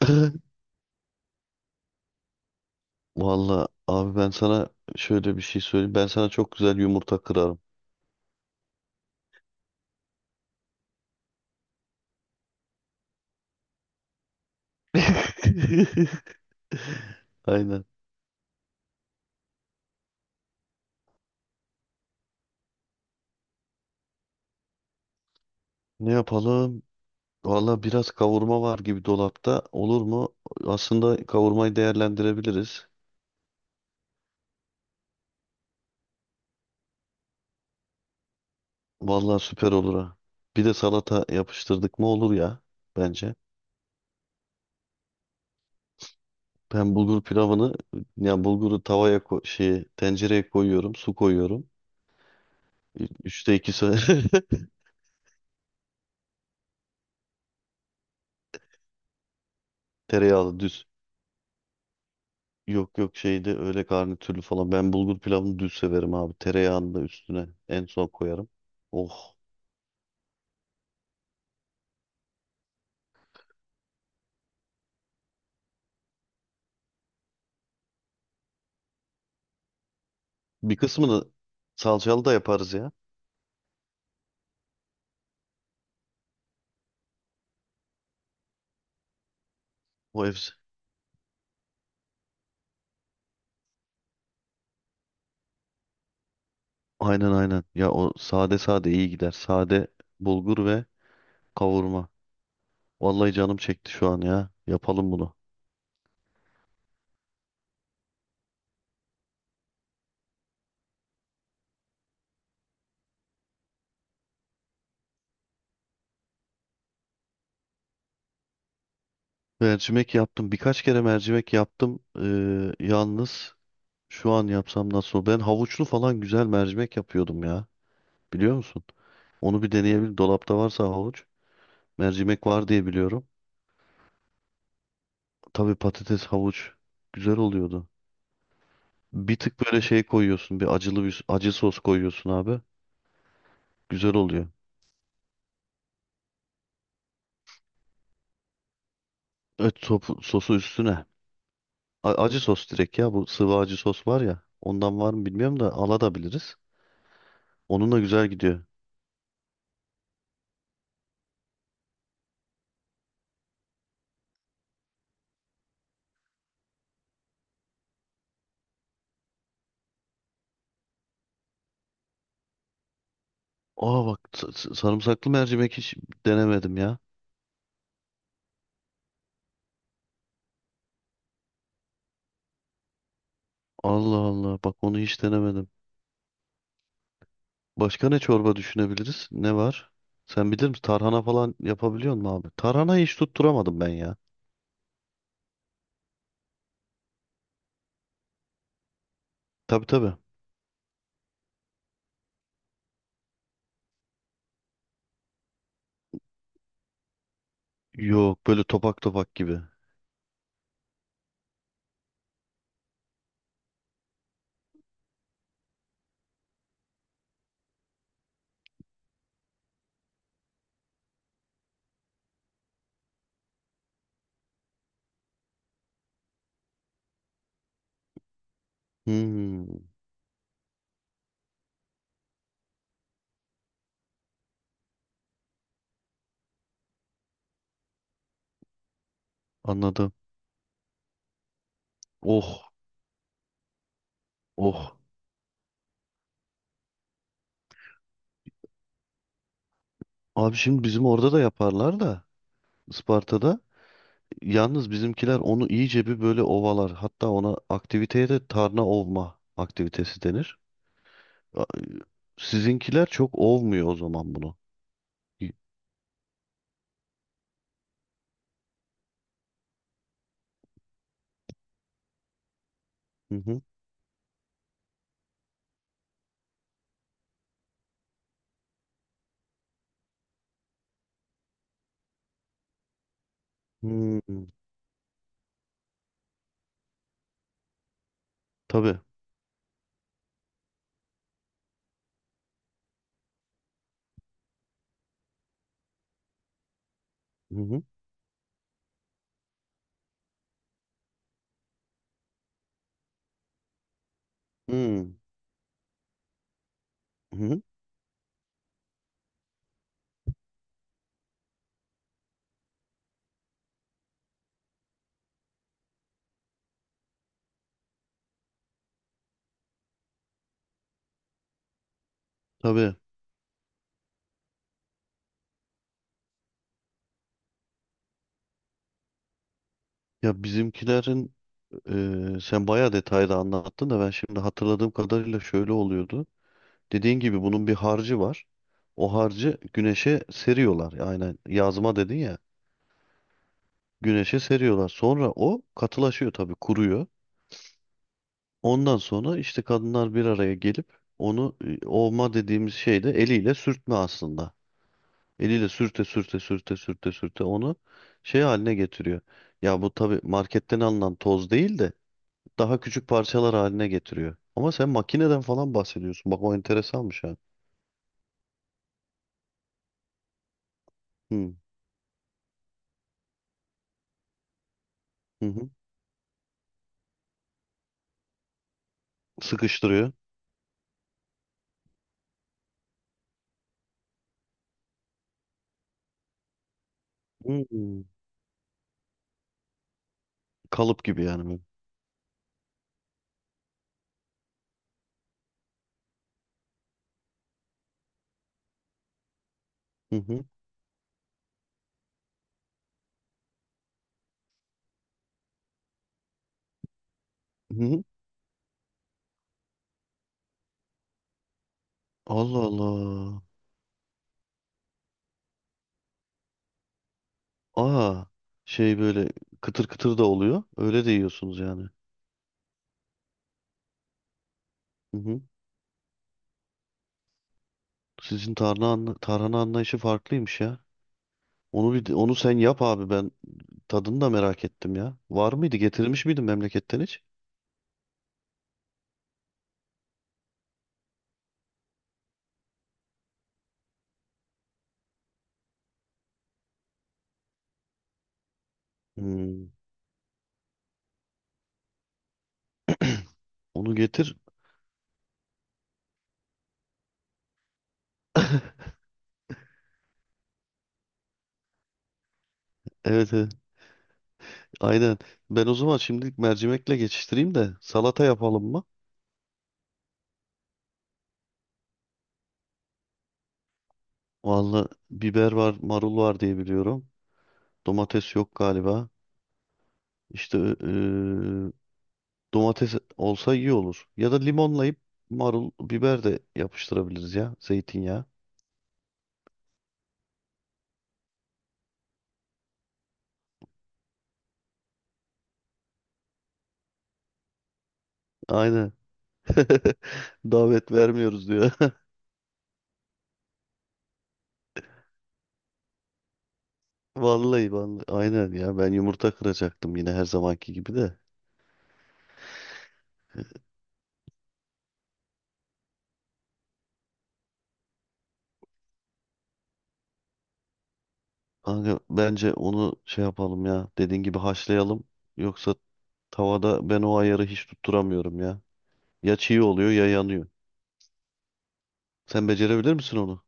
Valla abi ben sana şöyle bir şey söyleyeyim. Ben sana çok güzel yumurta kırarım. Aynen. Ne yapalım? Valla biraz kavurma var gibi dolapta. Olur mu? Aslında kavurmayı değerlendirebiliriz. Valla süper olur ha. Bir de salata yapıştırdık mı olur ya bence. Ben bulgur pilavını yani bulguru tavaya şeye, tencereye koyuyorum, su koyuyorum. Üçte ikisi tereyağlı düz. Yok yok şeyde öyle garnitürlü falan. Ben bulgur pilavını düz severim abi. Tereyağını da üstüne en son koyarım. Oh. Bir kısmını salçalı da yaparız ya. O hepsi. Aynen aynen. Ya o sade sade iyi gider. Sade bulgur ve kavurma. Vallahi canım çekti şu an ya. Yapalım bunu. Mercimek yaptım. Birkaç kere mercimek yaptım. Yalnız şu an yapsam nasıl olur? Ben havuçlu falan güzel mercimek yapıyordum ya. Biliyor musun? Onu bir deneyebilirim. Dolapta varsa havuç. Mercimek var diye biliyorum. Tabii patates, havuç güzel oluyordu. Bir tık böyle şey koyuyorsun. Bir acılı bir acı sos koyuyorsun abi. Güzel oluyor. Evet sosu üstüne. Acı sos direkt ya. Bu sıvı acı sos var ya. Ondan var mı bilmiyorum da alabiliriz. Onunla güzel gidiyor. Aa bak sarımsaklı mercimek hiç denemedim ya. Allah Allah bak onu hiç denemedim. Başka ne çorba düşünebiliriz? Ne var? Sen bilir misin? Tarhana falan yapabiliyor musun abi? Tarhanayı hiç tutturamadım ben ya. Tabii tabii. Yok böyle topak topak gibi. Hmm, anladım. Oh oh. Abi şimdi bizim orada da yaparlar da Isparta'da. Yalnız bizimkiler onu iyice bir böyle ovalar. Hatta ona aktiviteye de tarna ovma aktivitesi denir. A- Sizinkiler çok ovmuyor o zaman bunu. Y- Hı hı. Hmm, tabii. Hı hı. Hmm, hı hı. Tabii. Ya bizimkilerin sen bayağı detaylı anlattın da ben şimdi hatırladığım kadarıyla şöyle oluyordu. Dediğin gibi bunun bir harcı var. O harcı güneşe seriyorlar. Aynen yazma dedin ya. Güneşe seriyorlar. Sonra o katılaşıyor tabii kuruyor. Ondan sonra işte kadınlar bir araya gelip onu ovma dediğimiz şeyde eliyle sürtme aslında. Eliyle sürte sürte sürte sürte sürte onu şey haline getiriyor. Ya bu tabii marketten alınan toz değil de daha küçük parçalar haline getiriyor. Ama sen makineden falan bahsediyorsun. Bak o enteresanmış ha. Hı hı. Hı. Sıkıştırıyor. Hmm. Kalıp gibi yani böyle. Hı hı. Hı hı. Allah Allah. Aa, şey böyle kıtır kıtır da oluyor. Öyle de yiyorsunuz yani. Hı hı. Sizin tarhana, tarhana anlayışı farklıymış ya. Onu onu sen yap abi ben tadını da merak ettim ya. Var mıydı? Getirmiş miydin memleketten hiç? Hmm. Onu getir. Evet, evet. Aynen. Ben o zaman şimdilik mercimekle geçiştireyim de salata yapalım mı? Vallahi biber var, marul var diye biliyorum. Domates yok galiba. İşte domates olsa iyi olur. Ya da limonlayıp marul, biber de yapıştırabiliriz ya. Zeytinyağı. Aynen. Davet vermiyoruz diyor. Vallahi vallahi. Aynen ya. Ben yumurta kıracaktım yine her zamanki gibi de. Kanka bence onu şey yapalım ya. Dediğin gibi haşlayalım. Yoksa tavada ben o ayarı hiç tutturamıyorum ya. Ya çiğ oluyor ya yanıyor. Sen becerebilir misin onu?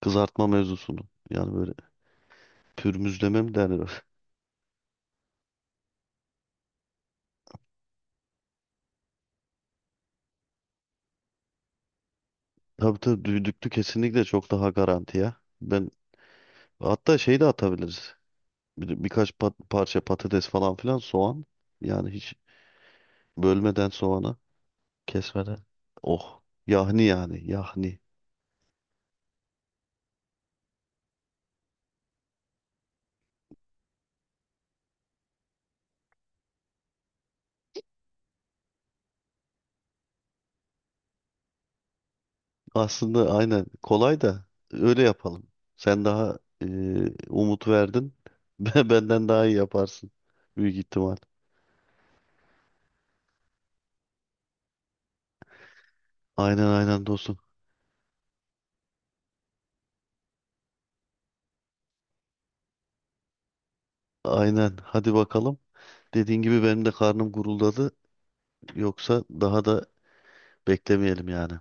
Kızartma mevzusunu. Yani böyle pürmüzleme mi derler? Tabii tabii düdüklü kesinlikle çok daha garanti ya. Ben hatta şey de atabiliriz. Birkaç parça patates falan filan soğan. Yani hiç bölmeden soğanı kesmeden. Oh yahni yani yahni. Aslında aynen kolay da öyle yapalım. Sen daha umut verdin. Benden daha iyi yaparsın büyük ihtimal. Aynen aynen dostum. Aynen hadi bakalım. Dediğin gibi benim de karnım guruldadı. Yoksa daha da beklemeyelim yani.